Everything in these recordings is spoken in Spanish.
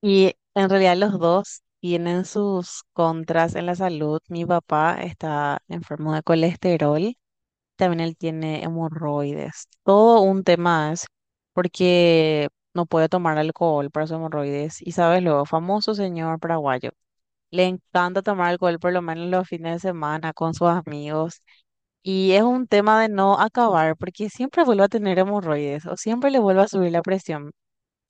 Y en realidad los dos tienen sus contras en la salud. Mi papá está enfermo de colesterol, también él tiene hemorroides. Todo un tema es porque no puede tomar alcohol para su hemorroides. Y sabes lo, famoso señor paraguayo. Le encanta tomar alcohol por lo menos los fines de semana con sus amigos. Y es un tema de no acabar porque siempre vuelve a tener hemorroides o siempre le vuelve a subir la presión.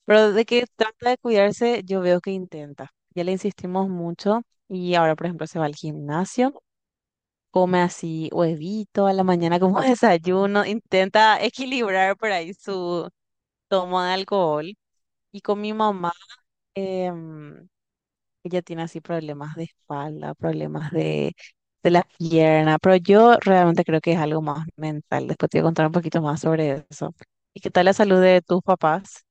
Pero de que trata de cuidarse, yo veo que intenta. Ya le insistimos mucho y ahora, por ejemplo, se va al gimnasio, come así huevito a la mañana como desayuno, intenta equilibrar por ahí su toma de alcohol. Y con mi mamá, em, ella tiene así problemas de espalda, problemas de la pierna, pero yo realmente creo que es algo más mental. Después te voy a contar un poquito más sobre eso. ¿Y qué tal la salud de tus papás?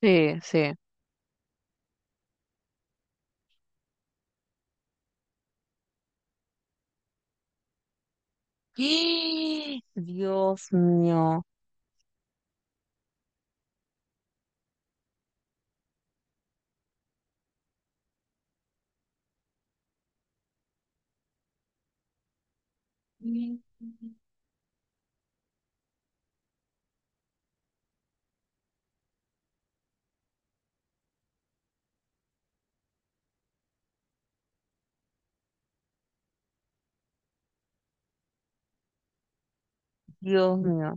Sí, sí. ¡Eh! Dios mío,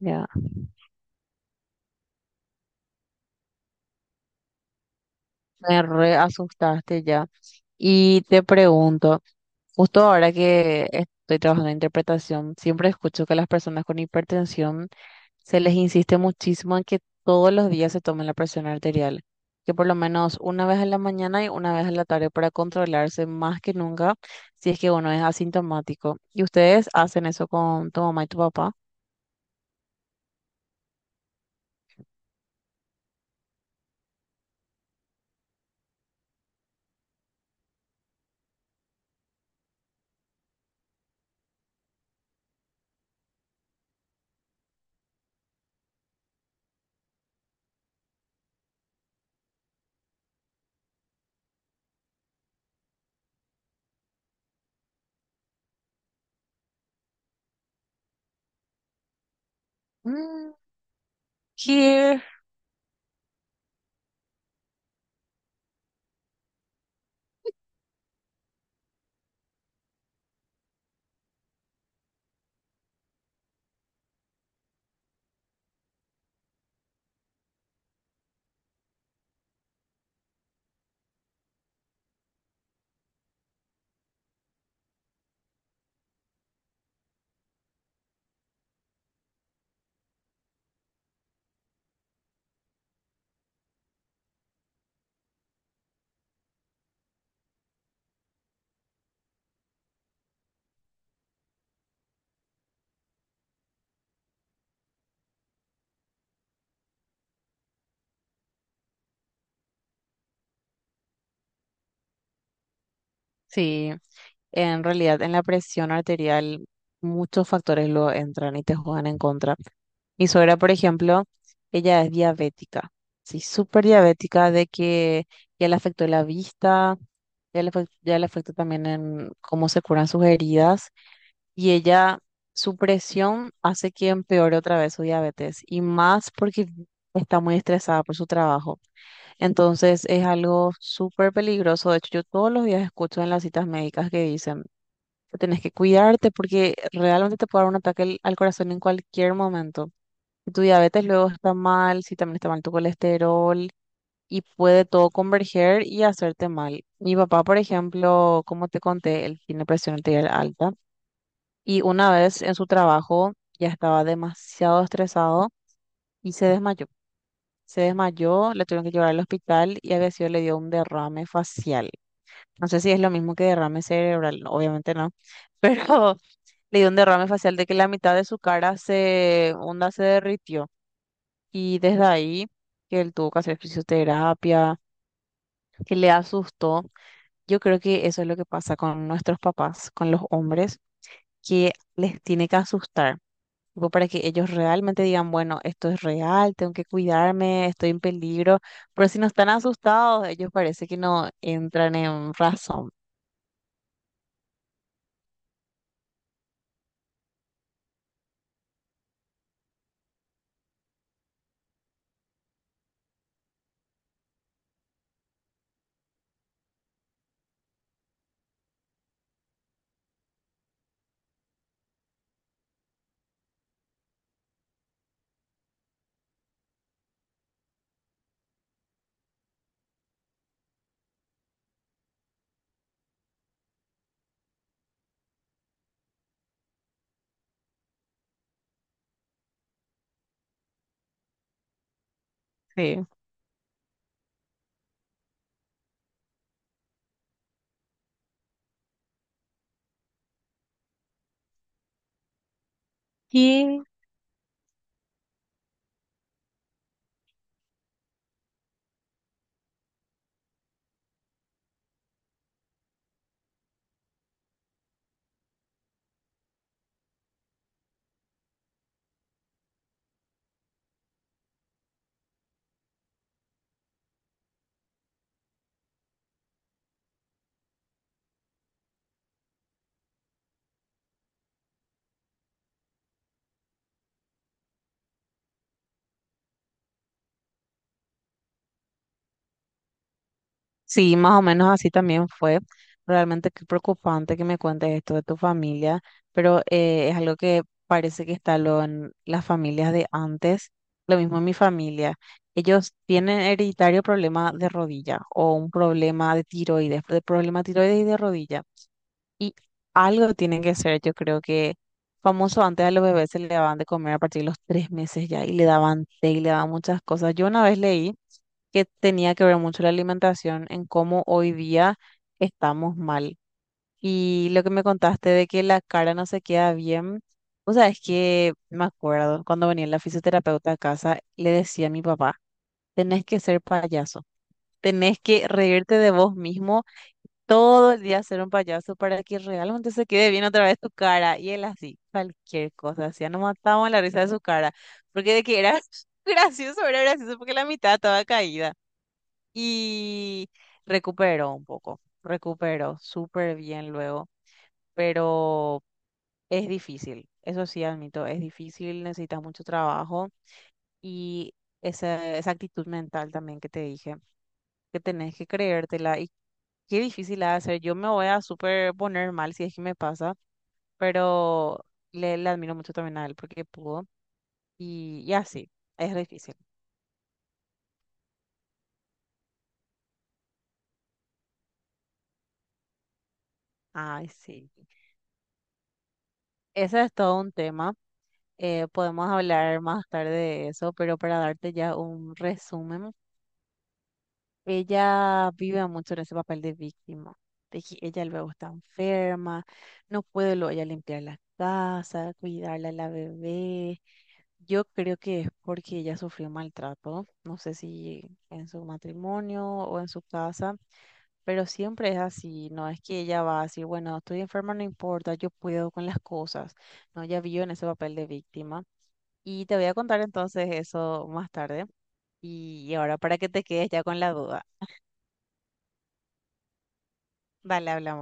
ya, me re asustaste ya. Y te pregunto, justo ahora que estoy trabajando en interpretación, siempre escucho que a las personas con hipertensión se les insiste muchísimo en que todos los días se tomen la presión arterial, que por lo menos una vez en la mañana y una vez en la tarde para controlarse más que nunca si es que uno es asintomático. ¿Y ustedes hacen eso con tu mamá y tu papá? Here. Sí, en realidad en la presión arterial muchos factores lo entran y te juegan en contra. Mi suegra, por ejemplo, ella es diabética, sí, súper diabética de que ya le afectó la vista, ya le afectó también en cómo se curan sus heridas y ella, su presión hace que empeore otra vez su diabetes y más porque está muy estresada por su trabajo. Entonces es algo súper peligroso. De hecho, yo todos los días escucho en las citas médicas que dicen que tenés que cuidarte porque realmente te puede dar un ataque al corazón en cualquier momento. Si tu diabetes luego está mal, si también está mal tu colesterol y puede todo converger y hacerte mal. Mi papá, por ejemplo, como te conté, él tiene presión arterial alta y una vez en su trabajo ya estaba demasiado estresado y se desmayó. Se desmayó, le tuvieron que llevar al hospital y había sido, le dio un derrame facial. No sé si es lo mismo que derrame cerebral, no, obviamente no, pero le dio un derrame facial de que la mitad de su cara se, onda, se derritió. Y desde ahí, que él tuvo que hacer fisioterapia, que le asustó. Yo creo que eso es lo que pasa con nuestros papás, con los hombres, que les tiene que asustar, tipo, para que ellos realmente digan, bueno, esto es real, tengo que cuidarme, estoy en peligro. Pero si no están asustados, ellos parece que no entran en razón. Sí. ¿Qué? Sí, más o menos así también fue. Realmente qué preocupante que me cuentes esto de tu familia, pero es algo que parece que está lo en las familias de antes. Lo mismo en mi familia. Ellos tienen hereditario problema de rodilla o un problema de tiroides, de problema de tiroides y de rodilla. Y algo tienen que ser, yo creo que famoso antes a los bebés se le daban de comer a partir de los 3 meses ya y le daban té y le daban muchas cosas. Yo una vez leí que tenía que ver mucho la alimentación en cómo hoy día estamos mal. Y lo que me contaste de que la cara no se queda bien, o sea, es que me acuerdo cuando venía la fisioterapeuta a casa, le decía a mi papá, tenés que ser payaso, tenés que reírte de vos mismo todo el día ser un payaso para que realmente se quede bien otra vez tu cara. Y él así, cualquier cosa, hacía, nos matábamos la risa de su cara, porque de que era gracioso, era gracioso porque la mitad estaba caída y recupero un poco, recupero súper bien luego, pero es difícil, eso sí admito, es difícil, necesitas mucho trabajo y esa actitud mental también que te dije, que tenés que creértela y qué difícil ha de ser. Yo me voy a súper poner mal si es que me pasa, pero le admiro mucho también a él porque pudo y así, es difícil. Ay, sí. Ese es todo un tema. Podemos hablar más tarde de eso, pero para darte ya un resumen, ella vive mucho en ese papel de víctima. De que ella luego está enferma, no puede luego ella limpiar la casa, cuidarla a la bebé. Yo creo que es porque ella sufrió maltrato, no sé si en su matrimonio o en su casa, pero siempre es así, no es que ella va a decir, bueno, estoy enferma, no importa, yo puedo con las cosas. No, ella vive en ese papel de víctima y te voy a contar entonces eso más tarde. Y ahora para que te quedes ya con la duda. Dale, hablamos.